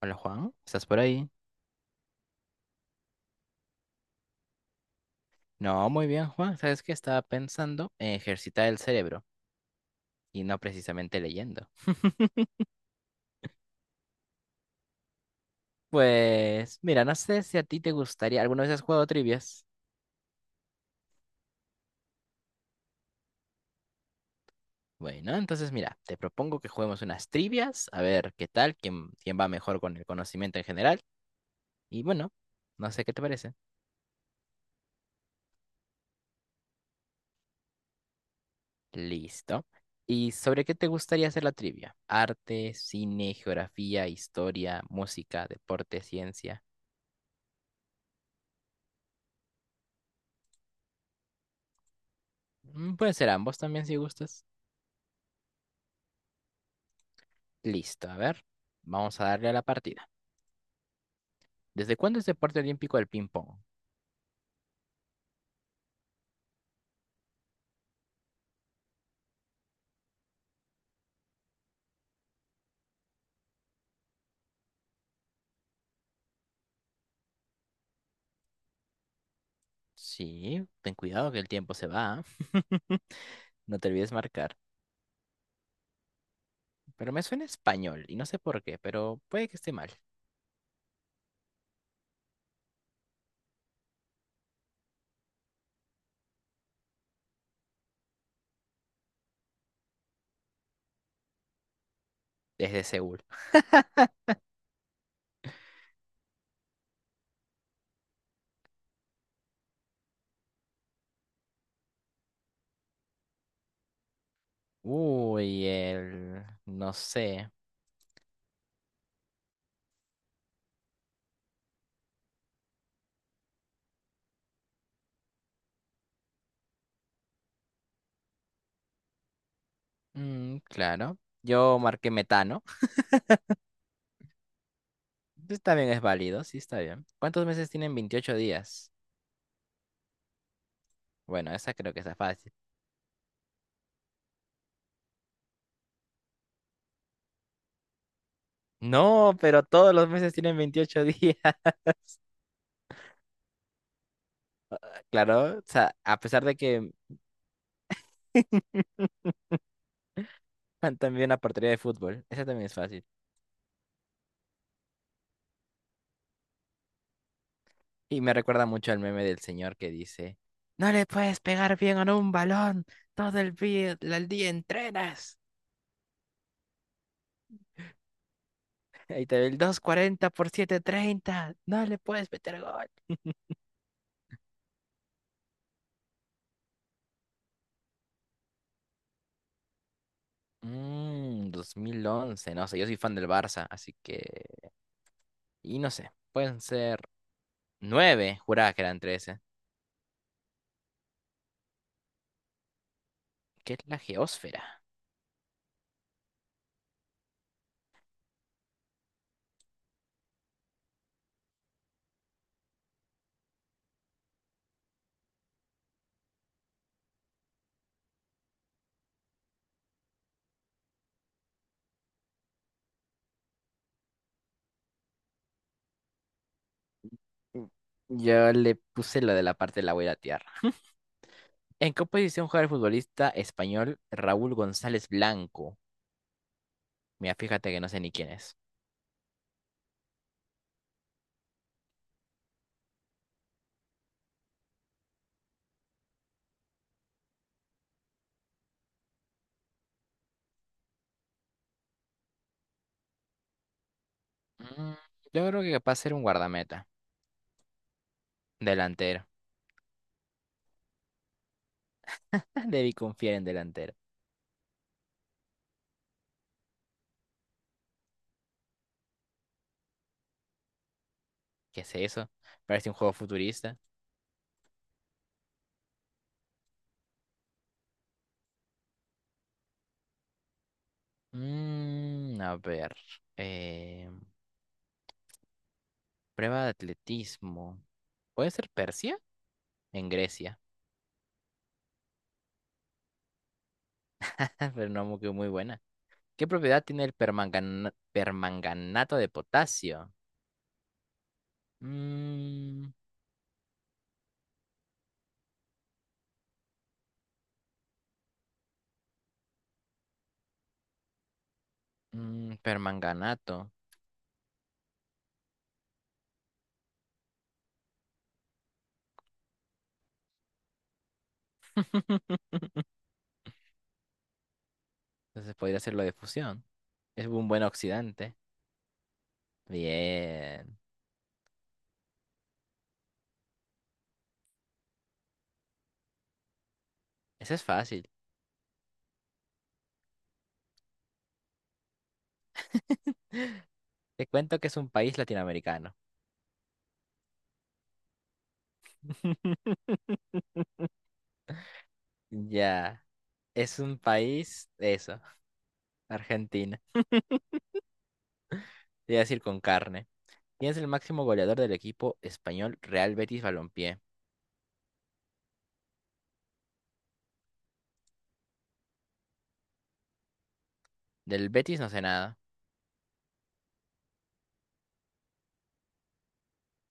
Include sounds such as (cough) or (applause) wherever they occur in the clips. Hola Juan, ¿estás por ahí? No, muy bien Juan, ¿sabes que estaba pensando en ejercitar el cerebro y no precisamente leyendo? Pues mira, no sé si a ti te gustaría, ¿alguna vez has jugado trivias? Bueno, entonces mira, te propongo que juguemos unas trivias, a ver qué tal, quién va mejor con el conocimiento en general. Y bueno, no sé qué te parece. Listo. ¿Y sobre qué te gustaría hacer la trivia? Arte, cine, geografía, historia, música, deporte, ciencia. Puede ser ambos también si gustas. Listo, a ver. Vamos a darle a la partida. ¿Desde cuándo es deporte olímpico el ping-pong? Sí, ten cuidado que el tiempo se va. ¿Ah? (laughs) No te olvides marcar. Pero me suena español y no sé por qué, pero puede que esté mal. Desde Seúl. Uy, el... no sé. Mm, claro. Yo marqué metano. Entonces también es válido, sí, está bien. ¿Cuántos meses tienen 28 días? Bueno, esa creo que está fácil. No, pero todos los meses tienen 28 días. (laughs) Claro, o sea, a pesar de que (laughs) también una portería de fútbol. Esa también es fácil. Y me recuerda mucho al meme del señor que dice, no le puedes pegar bien a un balón, todo el día entrenas. (laughs) Ahí te ve el 240 por 730, no le puedes meter gol. 2011 no sé, yo soy fan del Barça, así que... y no sé, pueden ser nueve, juraba que eran trece. ¿Qué es la geósfera? Mm, Yo le puse lo de la parte de la, voy a latear. ¿En qué posición juega el futbolista español Raúl González Blanco? Mira, fíjate que no sé ni quién es. Mm, Yo creo que capaz ser un guardameta. Delantero. (laughs) Debí confiar en delantero. ¿Qué es eso? Parece un juego futurista. A ver. eh, Prueba de atletismo. ¿Puede ser Persia? En Grecia. (laughs) Pero no muy, que muy buena. ¿Qué propiedad tiene el permanganato de potasio? Mm, Permanganato. (laughs) Entonces podría hacerlo de fusión. Es un buen oxidante. Bien. Ese es fácil. Te cuento que es un país latinoamericano. (laughs) Ya. Es un país, eso, Argentina. Te iba a decir con carne. ¿Quién es el máximo goleador del equipo español Real Betis Balompié? Del Betis no sé nada.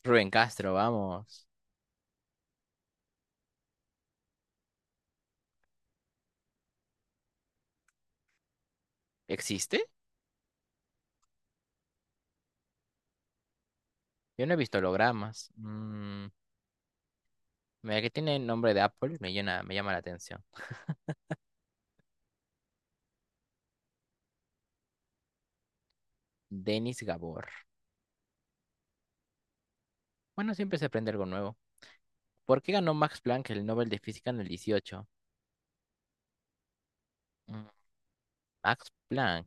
Rubén Castro, vamos. ¿Existe? Yo no he visto hologramas. Mira que tiene nombre de Apple, me llama la atención. Denis Gabor. Bueno, siempre se aprende algo nuevo. ¿Por qué ganó Max Planck el Nobel de Física en el 18? Mm, Max Planck.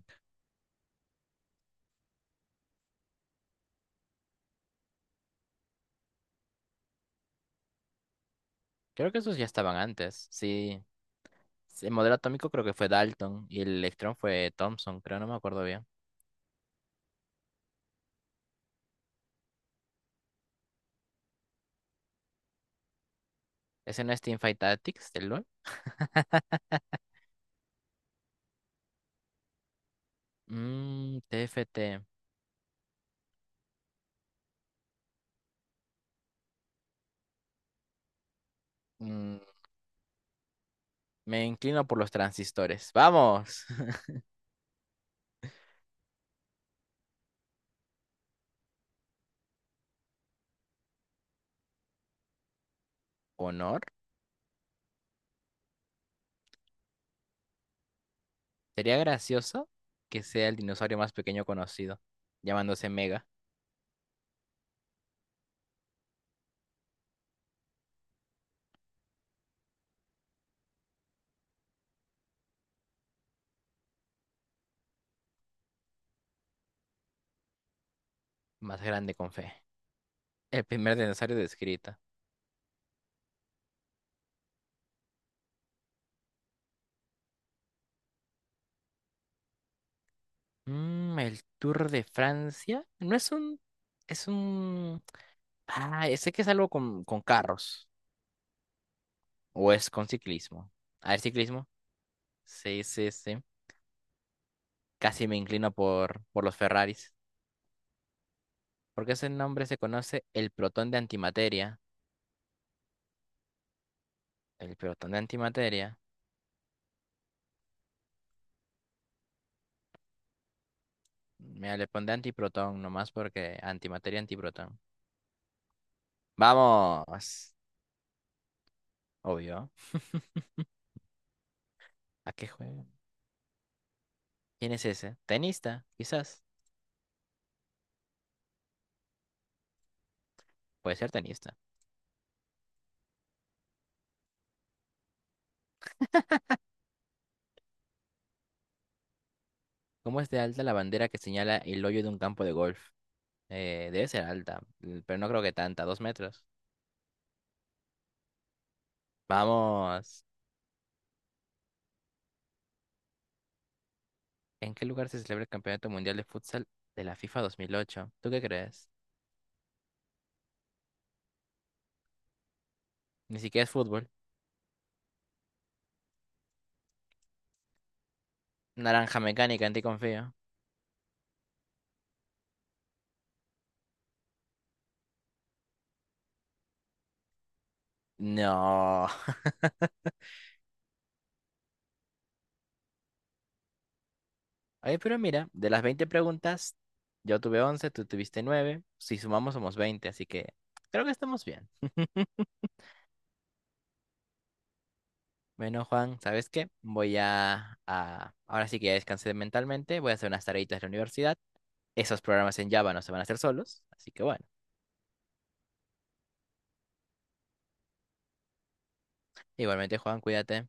Creo que esos ya estaban antes. Sí. Sí, el modelo atómico creo que fue Dalton y el electrón fue Thomson, creo, no me acuerdo bien. ¿Ese no es Teamfight Tactics del LoL? TFT. Mm, me inclino por los transistores. ¡Vamos! (laughs) ¿Honor? Sería gracioso que sea el dinosaurio más pequeño conocido, llamándose Mega, más grande con fe. El primer dinosaurio descrito. El Tour de Francia. No es un. Es un. Ah, sé que es algo con, carros. O es con ciclismo. A ver, ciclismo. Sí, sí, sí. Casi me inclino por los Ferraris. Porque ese nombre se conoce el protón de antimateria. El protón de antimateria. Mira, le pondré antiprotón nomás porque antimateria, antiprotón. Vamos. Obvio. ¿A qué juego? ¿Quién es ese? Tenista, quizás. Puede ser tenista. ¿Cómo es de alta la bandera que señala el hoyo de un campo de golf? Debe ser alta, pero no creo que tanta, 2 metros. Vamos. ¿En qué lugar se celebra el Campeonato Mundial de Futsal de la FIFA 2008? ¿Tú qué crees? Ni siquiera es fútbol. Naranja mecánica, en ti confío. No. (laughs) Oye, pero mira, de las 20 preguntas, yo tuve 11, tú tuviste 9. Si sumamos somos 20, así que creo que estamos bien. (laughs) Bueno, Juan, ¿sabes qué? Ahora sí que ya descansé mentalmente, voy a hacer unas tareitas de la universidad, esos programas en Java no se van a hacer solos, así que bueno. Igualmente, Juan, cuídate.